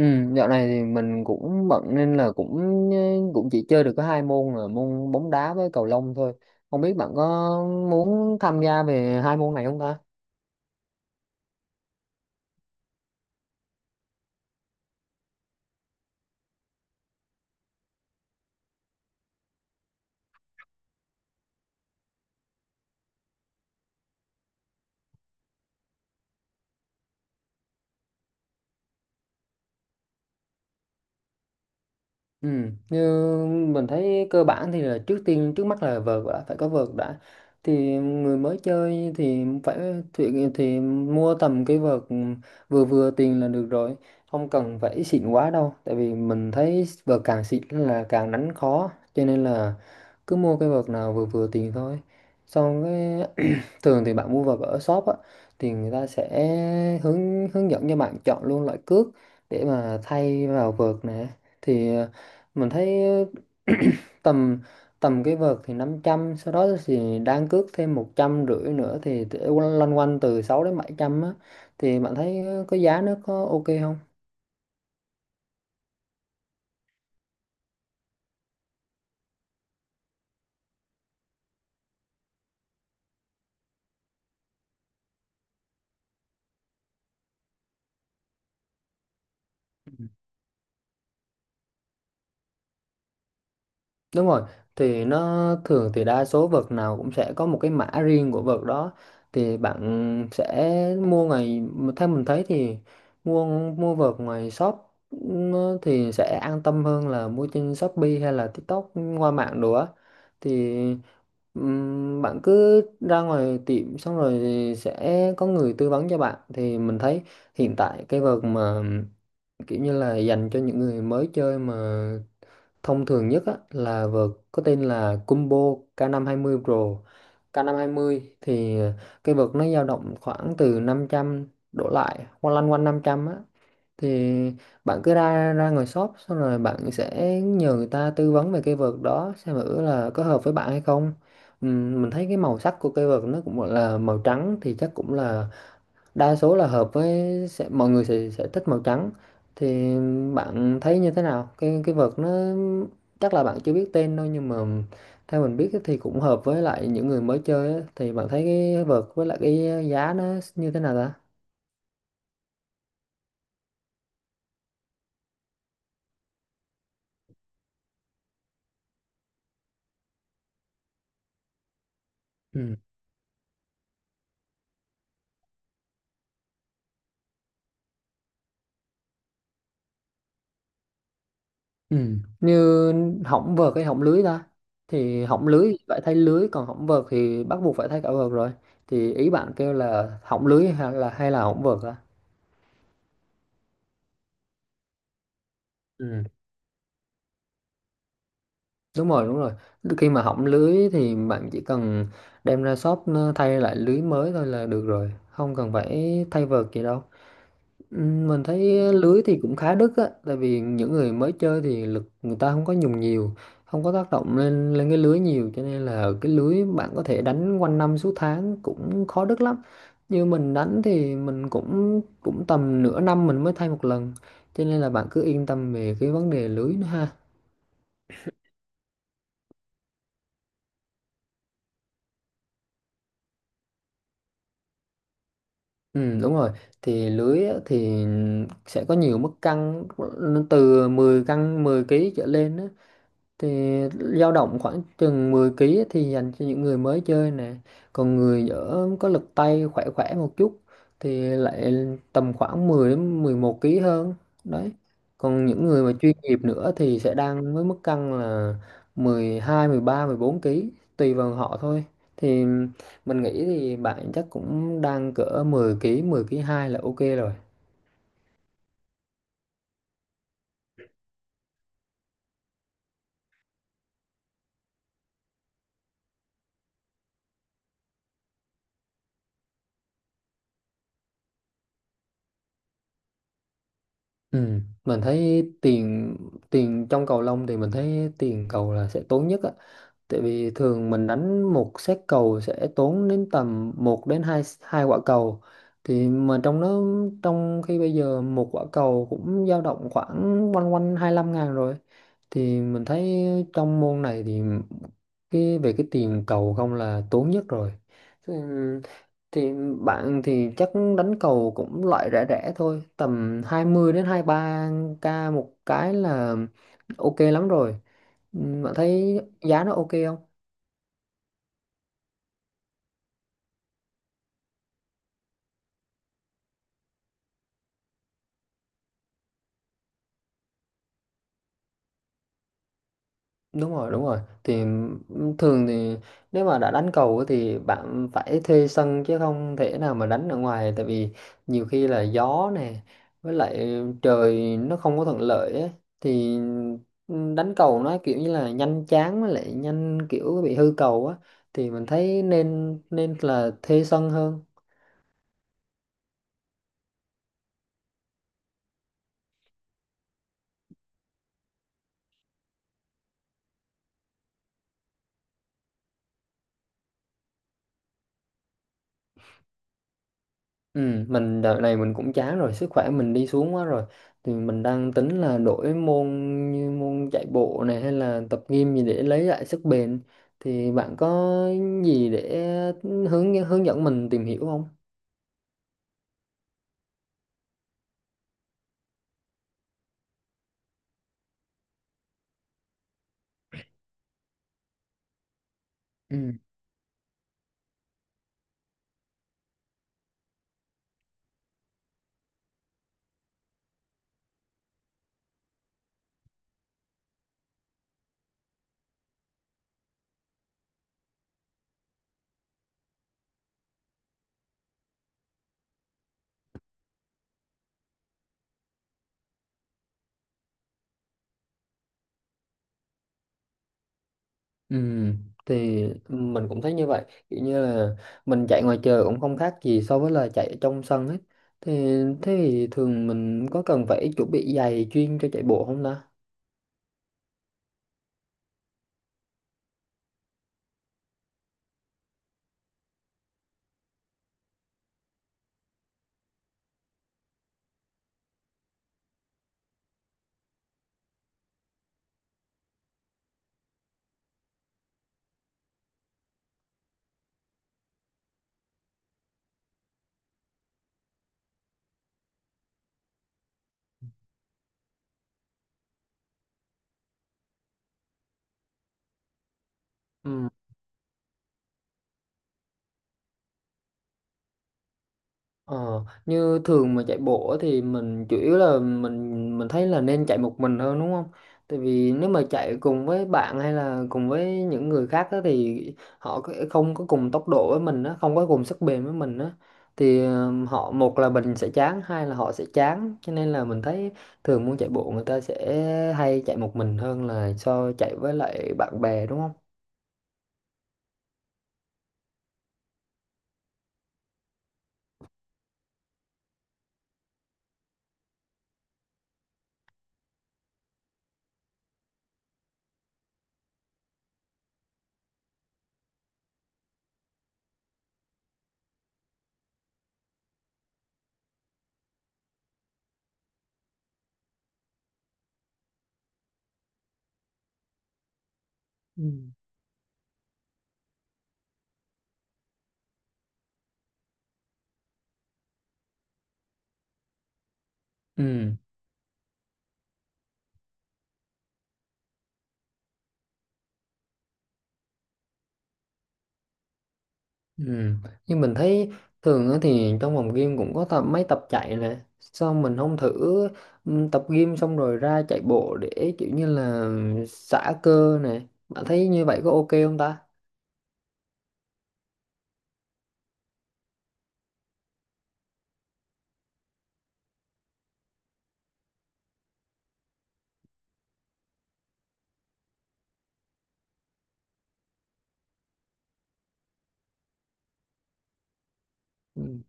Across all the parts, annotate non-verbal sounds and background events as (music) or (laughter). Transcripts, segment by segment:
Ừ, dạo này thì mình cũng bận nên là cũng chỉ chơi được có hai môn là môn bóng đá với cầu lông thôi. Không biết bạn có muốn tham gia về hai môn này không ta? Ừ, như mình thấy cơ bản thì là trước tiên trước mắt là vợt, đã phải có vợt đã. Thì người mới chơi thì phải thì mua tầm cái vợt vừa vừa tiền là được rồi, không cần phải xịn quá đâu. Tại vì mình thấy vợt càng xịn là càng đánh khó, cho nên là cứ mua cái vợt nào vừa vừa tiền thôi. Xong cái thường thì bạn mua vào ở shop á, thì người ta sẽ hướng hướng dẫn cho bạn chọn luôn loại cước để mà thay vào vợt nè. Thì mình thấy (coughs) ờ, (clears throat) tầm tầm cái vợt thì năm trăm, sau đó thì đang cước thêm 150 nữa, thì để loanh quanh từ 6 đến 700 á. Thì bạn thấy có giá, nó có ok không? Đúng rồi, thì nó thường thì đa số vợt nào cũng sẽ có một cái mã riêng của vợt đó. Thì bạn sẽ mua ngoài, theo mình thấy thì mua mua vợt ngoài shop nó thì sẽ an tâm hơn là mua trên Shopee hay là TikTok qua mạng đồ á. Thì bạn cứ ra ngoài tiệm xong rồi thì sẽ có người tư vấn cho bạn. Thì mình thấy hiện tại cái vợt mà kiểu như là dành cho những người mới chơi mà thông thường nhất á, là vợt có tên là Combo k mươi Pro. K mươi thì cái vợt nó dao động khoảng từ 500 đổ lại, hoặc lăn quanh 500 á. Thì bạn cứ ra ra ngoài shop xong rồi bạn sẽ nhờ người ta tư vấn về cái vợt đó xem thử là có hợp với bạn hay không. Mình thấy cái màu sắc của cây vợt nó cũng gọi là màu trắng, thì chắc cũng là đa số là hợp với, mọi người sẽ thích màu trắng. Thì bạn thấy như thế nào cái vợt nó, chắc là bạn chưa biết tên đâu, nhưng mà theo mình biết thì cũng hợp với lại những người mới chơi á. Thì bạn thấy cái vợt với lại cái giá nó như thế nào ta? Ừ. Ừ, như hỏng vợt hay hỏng lưới ta? Thì hỏng lưới thì phải thay lưới, còn hỏng vợt thì bắt buộc phải thay cả vợt rồi. Thì ý bạn kêu là hỏng lưới hay là hỏng vợt á? Ừ. Đúng rồi, đúng rồi. Khi mà hỏng lưới thì bạn chỉ cần đem ra shop, nó thay lại lưới mới thôi là được rồi. Không cần phải thay vợt gì đâu. Mình thấy lưới thì cũng khá đứt á. Tại vì những người mới chơi thì lực người ta không có dùng nhiều. Không có tác động lên lên cái lưới nhiều. Cho nên là cái lưới bạn có thể đánh quanh năm suốt tháng cũng khó đứt lắm. Như mình đánh thì mình cũng cũng tầm nửa năm mình mới thay một lần. Cho nên là bạn cứ yên tâm về cái vấn đề lưới nữa ha. Ừ, đúng rồi. Thì lưới á, thì sẽ có nhiều mức cân, nó từ 10 cân 10 ký trở lên á, thì dao động khoảng chừng 10 kg ấy thì dành cho những người mới chơi nè. Còn người ở có lực tay khỏe khỏe một chút thì lại tầm khoảng 10 đến 11 kg hơn đấy. Còn những người mà chuyên nghiệp nữa thì sẽ đang với mức cân là 12, 13, 14 kg, tùy vào họ thôi. Thì mình nghĩ thì bạn chắc cũng đang cỡ 10 kg, 10 kg 2 là ok rồi. Ừ, mình thấy tiền tiền trong cầu lông thì mình thấy tiền cầu là sẽ tốn nhất á. Tại vì thường mình đánh một set cầu sẽ tốn đến tầm một đến 2 hai quả cầu. Thì mà trong đó, trong khi bây giờ một quả cầu cũng dao động khoảng quanh quanh 25.000 rồi. Thì mình thấy trong môn này thì cái về cái tiền cầu không là tốn nhất rồi. Ừ, thì bạn thì chắc đánh cầu cũng loại rẻ rẻ thôi, tầm 20 đến 23 k một cái là ok lắm rồi. Ừ, bạn thấy giá nó ok không? Đúng rồi, đúng rồi. Thì thường thì nếu mà đã đánh cầu á thì bạn phải thuê sân, chứ không thể nào mà đánh ở ngoài. Tại vì nhiều khi là gió nè, với lại trời nó không có thuận lợi á, thì đánh cầu nó kiểu như là nhanh chán với lại nhanh kiểu bị hư cầu á. Thì mình thấy nên nên là thuê sân hơn. Ừ, mình đợt này mình cũng chán rồi, sức khỏe mình đi xuống quá rồi. Thì mình đang tính là đổi môn, như môn chạy bộ này hay là tập gym gì để lấy lại sức bền. Thì bạn có gì để hướng hướng dẫn mình tìm hiểu không? Ừ. Ừ, thì mình cũng thấy như vậy. Kiểu như là mình chạy ngoài trời cũng không khác gì so với là chạy ở trong sân ấy. Thì thế thì thường mình có cần phải chuẩn bị giày chuyên cho chạy bộ không ta? Ừ. Ờ, như thường mà chạy bộ á thì mình chủ yếu là mình thấy là nên chạy một mình hơn đúng không? Tại vì nếu mà chạy cùng với bạn hay là cùng với những người khác á thì họ có- không có cùng tốc độ với mình á, không có cùng sức bền với mình á, thì họ, một là mình sẽ chán, hai là họ sẽ chán. Cho nên là mình thấy thường muốn chạy bộ người ta sẽ hay chạy một mình hơn là so chạy với lại bạn bè đúng không? Ừ. Ừ. Ừ. Nhưng mình thấy thường á thì trong phòng gym cũng có tập mấy tập chạy nè, sao mình không thử tập gym xong rồi ra chạy bộ để kiểu như là xả cơ nè. Bạn thấy như vậy có ok không ta? Ừ.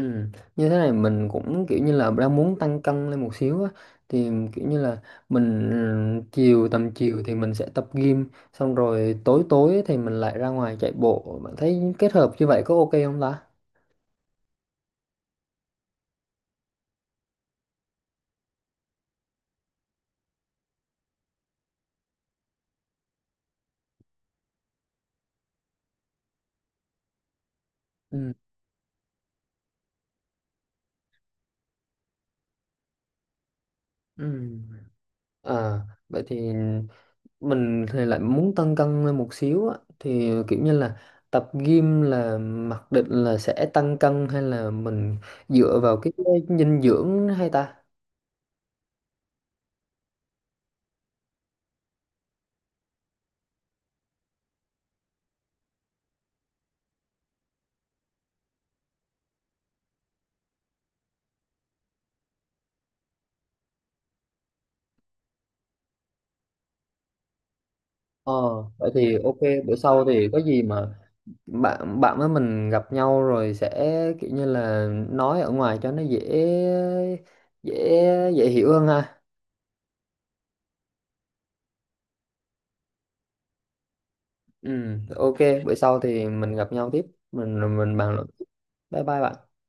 Ừ. Như thế này mình cũng kiểu như là đang muốn tăng cân lên một xíu á, thì kiểu như là mình chiều tầm chiều thì mình sẽ tập gym xong rồi tối tối thì mình lại ra ngoài chạy bộ. Bạn thấy kết hợp như vậy có ok không ta? Ừ. Ừ. À, vậy thì mình thì lại muốn tăng cân lên một xíu á, thì kiểu như là tập gym là mặc định là sẽ tăng cân hay là mình dựa vào cái dinh dưỡng hay ta? Ờ, vậy thì ok. Bữa sau thì có gì mà bạn bạn với mình gặp nhau rồi sẽ kiểu như là nói ở ngoài cho nó dễ, dễ dễ hiểu hơn ha. Ừ, ok, bữa sau thì mình gặp nhau tiếp, mình bàn luận tiếp. Bye bye bạn.